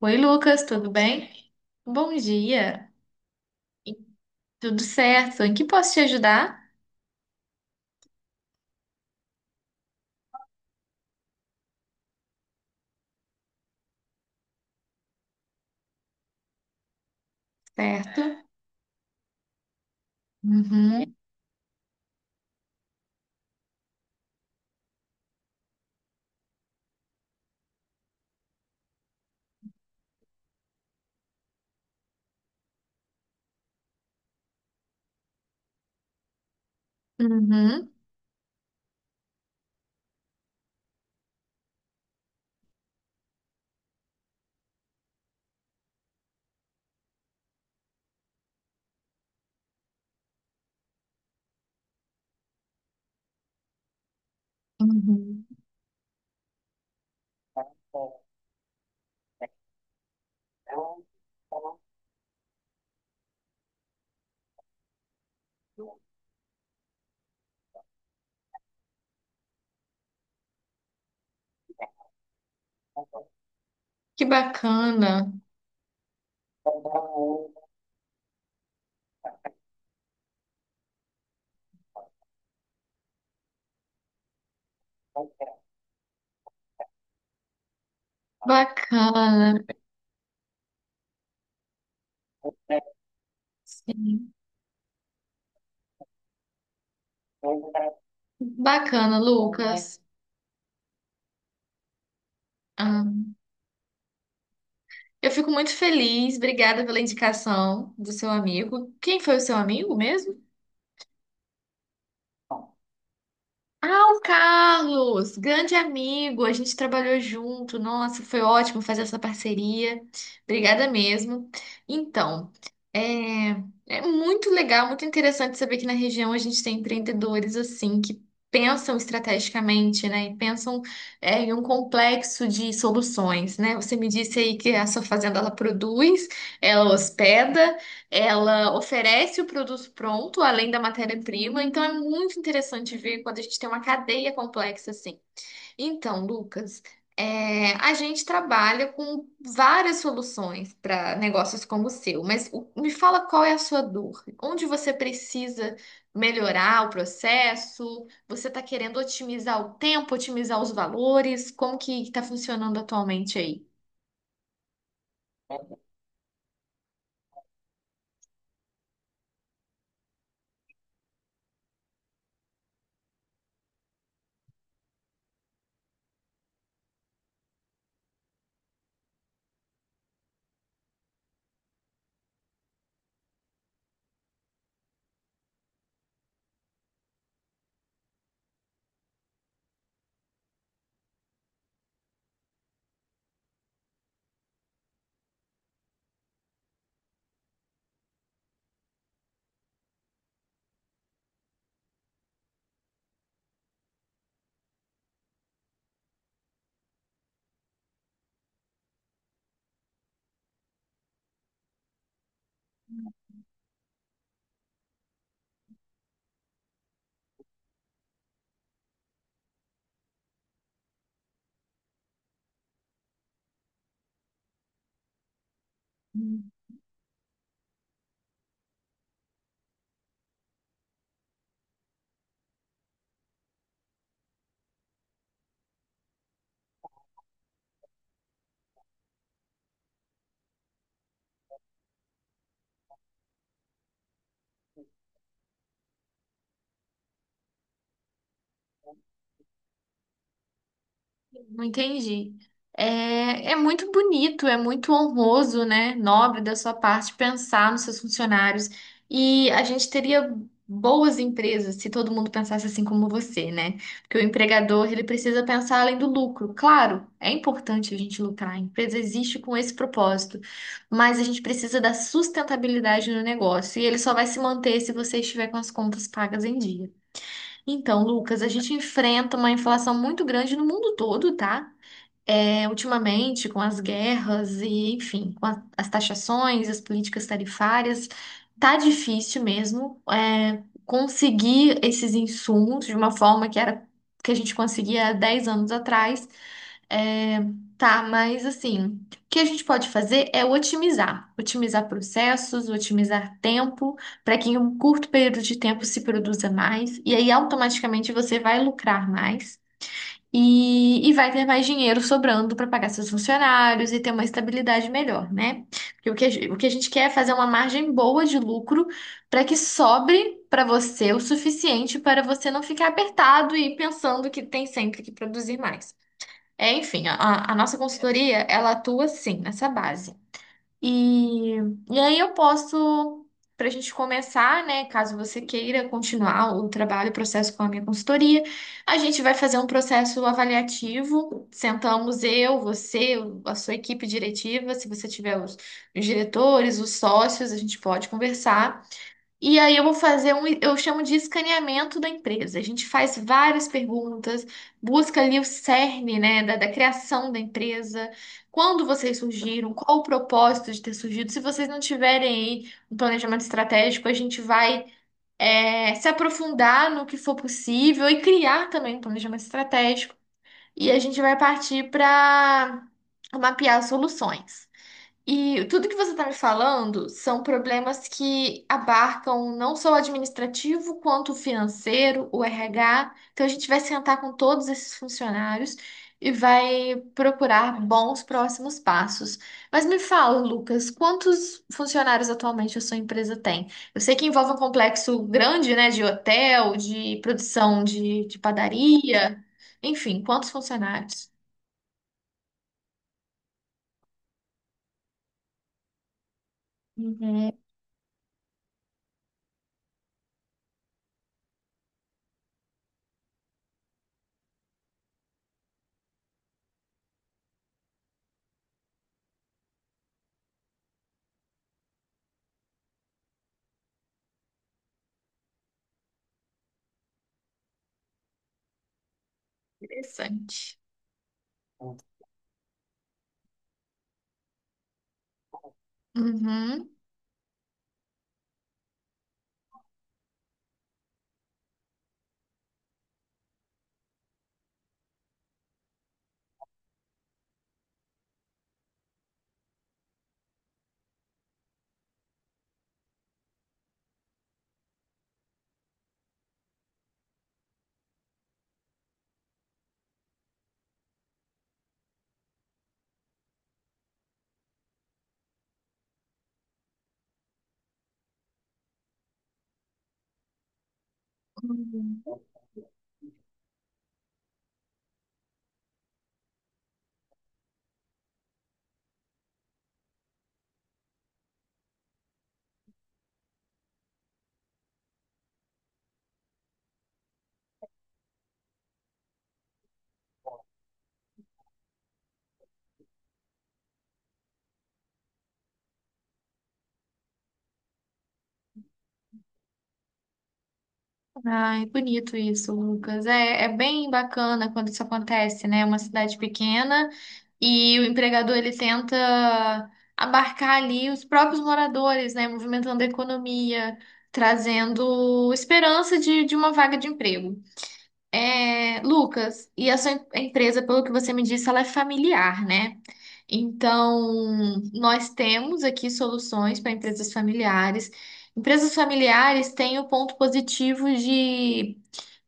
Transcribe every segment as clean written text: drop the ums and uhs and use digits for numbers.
Oi, Lucas, tudo bem? Bom dia. E- Tudo certo? Em que posso te ajudar? Certo. Uhum, uhum, uhum. Que bacana. Bacana. Sim. Bacana, Lucas. Ah, eu fico muito feliz. Obrigada pela indicação do seu amigo. Quem foi o seu amigo mesmo? Ah, o Carlos, grande amigo, a gente trabalhou junto. Nossa, foi ótimo fazer essa parceria. Obrigada mesmo. Então, é, é muito legal, muito interessante saber que na região a gente tem empreendedores assim que pensam estrategicamente, né? E pensam em um complexo de soluções, né? Você me disse aí que a sua fazenda ela produz, ela hospeda. Ela oferece o produto pronto, além da matéria-prima, então é muito interessante ver quando a gente tem uma cadeia complexa assim. Então, Lucas, é, a gente trabalha com várias soluções para negócios como o seu, mas me fala qual é a sua dor, onde você precisa melhorar o processo, você está querendo otimizar o tempo, otimizar os valores, como que está funcionando atualmente aí? Não entendi. É, é muito bonito, é muito honroso, né? Nobre da sua parte pensar nos seus funcionários. E a gente teria boas empresas se todo mundo pensasse assim como você, né? Porque o empregador, ele precisa pensar além do lucro. Claro, é importante a gente lucrar. A empresa existe com esse propósito. Mas a gente precisa da sustentabilidade no negócio. E ele só vai se manter se você estiver com as contas pagas em dia. Então, Lucas, a gente enfrenta uma inflação muito grande no mundo todo, tá? É, ultimamente, com as guerras e, enfim, com as taxações, as políticas tarifárias, tá difícil mesmo, é, conseguir esses insumos de uma forma que era que a gente conseguia há 10 anos atrás. É, tá, mas assim, o que a gente pode fazer é otimizar, otimizar processos, otimizar tempo, para que em um curto período de tempo se produza mais, e aí automaticamente você vai lucrar mais. E vai ter mais dinheiro sobrando para pagar seus funcionários e ter uma estabilidade melhor, né? Porque o que o que a gente quer é fazer uma margem boa de lucro para que sobre para você o suficiente para você não ficar apertado e pensando que tem sempre que produzir mais. É, enfim, a nossa consultoria, ela atua sim nessa base. E, e aí eu posso, para a gente começar, né? Caso você queira continuar o trabalho, o processo com a minha consultoria, a gente vai fazer um processo avaliativo. Sentamos eu, você, a sua equipe diretiva, se você tiver os diretores, os sócios, a gente pode conversar. E aí eu vou fazer um, eu chamo de escaneamento da empresa. A gente faz várias perguntas, busca ali o cerne, né, da criação da empresa, quando vocês surgiram, qual o propósito de ter surgido. Se vocês não tiverem aí um planejamento estratégico, a gente vai, é, se aprofundar no que for possível e criar também um planejamento estratégico. E a gente vai partir para mapear soluções. E tudo que você está me falando são problemas que abarcam não só o administrativo, quanto o financeiro, o RH. Então, a gente vai sentar com todos esses funcionários e vai procurar bons próximos passos. Mas me fala, Lucas, quantos funcionários atualmente a sua empresa tem? Eu sei que envolve um complexo grande, né, de hotel, de produção de padaria, enfim, quantos funcionários? Uhum. Interessante. Uhum. Uhum. Ai, bonito isso, Lucas. É, é bem bacana quando isso acontece, né? Uma cidade pequena e o empregador ele tenta abarcar ali os próprios moradores, né? Movimentando a economia, trazendo esperança de uma vaga de emprego. É, Lucas, e a sua empresa, pelo que você me disse, ela é familiar, né? Então, nós temos aqui soluções para empresas familiares. Empresas familiares têm o ponto positivo de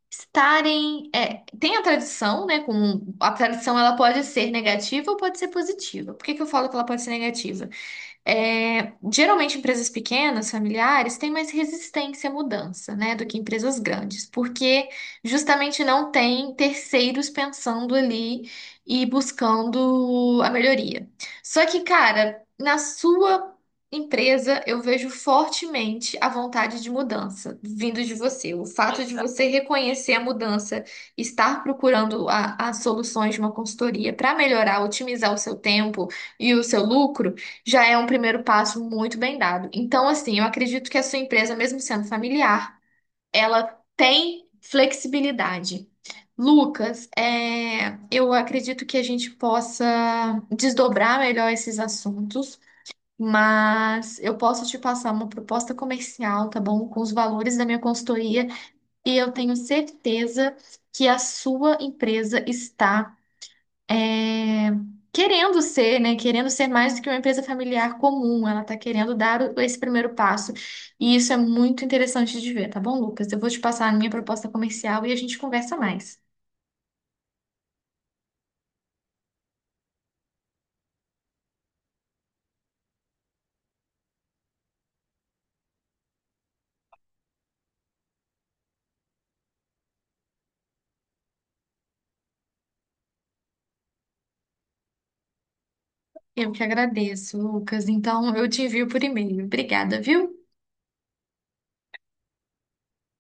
estarem, é, tem a tradição, né? Com, a tradição ela pode ser negativa ou pode ser positiva. Por que que eu falo que ela pode ser negativa? É, geralmente empresas pequenas, familiares, têm mais resistência à mudança, né, do que empresas grandes, porque justamente não tem terceiros pensando ali e buscando a melhoria. Só que, cara, na sua empresa eu vejo fortemente a vontade de mudança vindo de você. O fato de você reconhecer a mudança, estar procurando as soluções de uma consultoria para melhorar, otimizar o seu tempo e o seu lucro já é um primeiro passo muito bem dado. Então, assim, eu acredito que a sua empresa, mesmo sendo familiar, ela tem flexibilidade. Lucas, é, eu acredito que a gente possa desdobrar melhor esses assuntos, mas eu posso te passar uma proposta comercial, tá bom? Com os valores da minha consultoria, e eu tenho certeza que a sua empresa está é, querendo ser, né? Querendo ser mais do que uma empresa familiar comum. Ela está querendo dar esse primeiro passo. E isso é muito interessante de ver, tá bom, Lucas? Eu vou te passar a minha proposta comercial e a gente conversa mais. Eu que agradeço, Lucas. Então, eu te envio por e-mail. Obrigada, viu?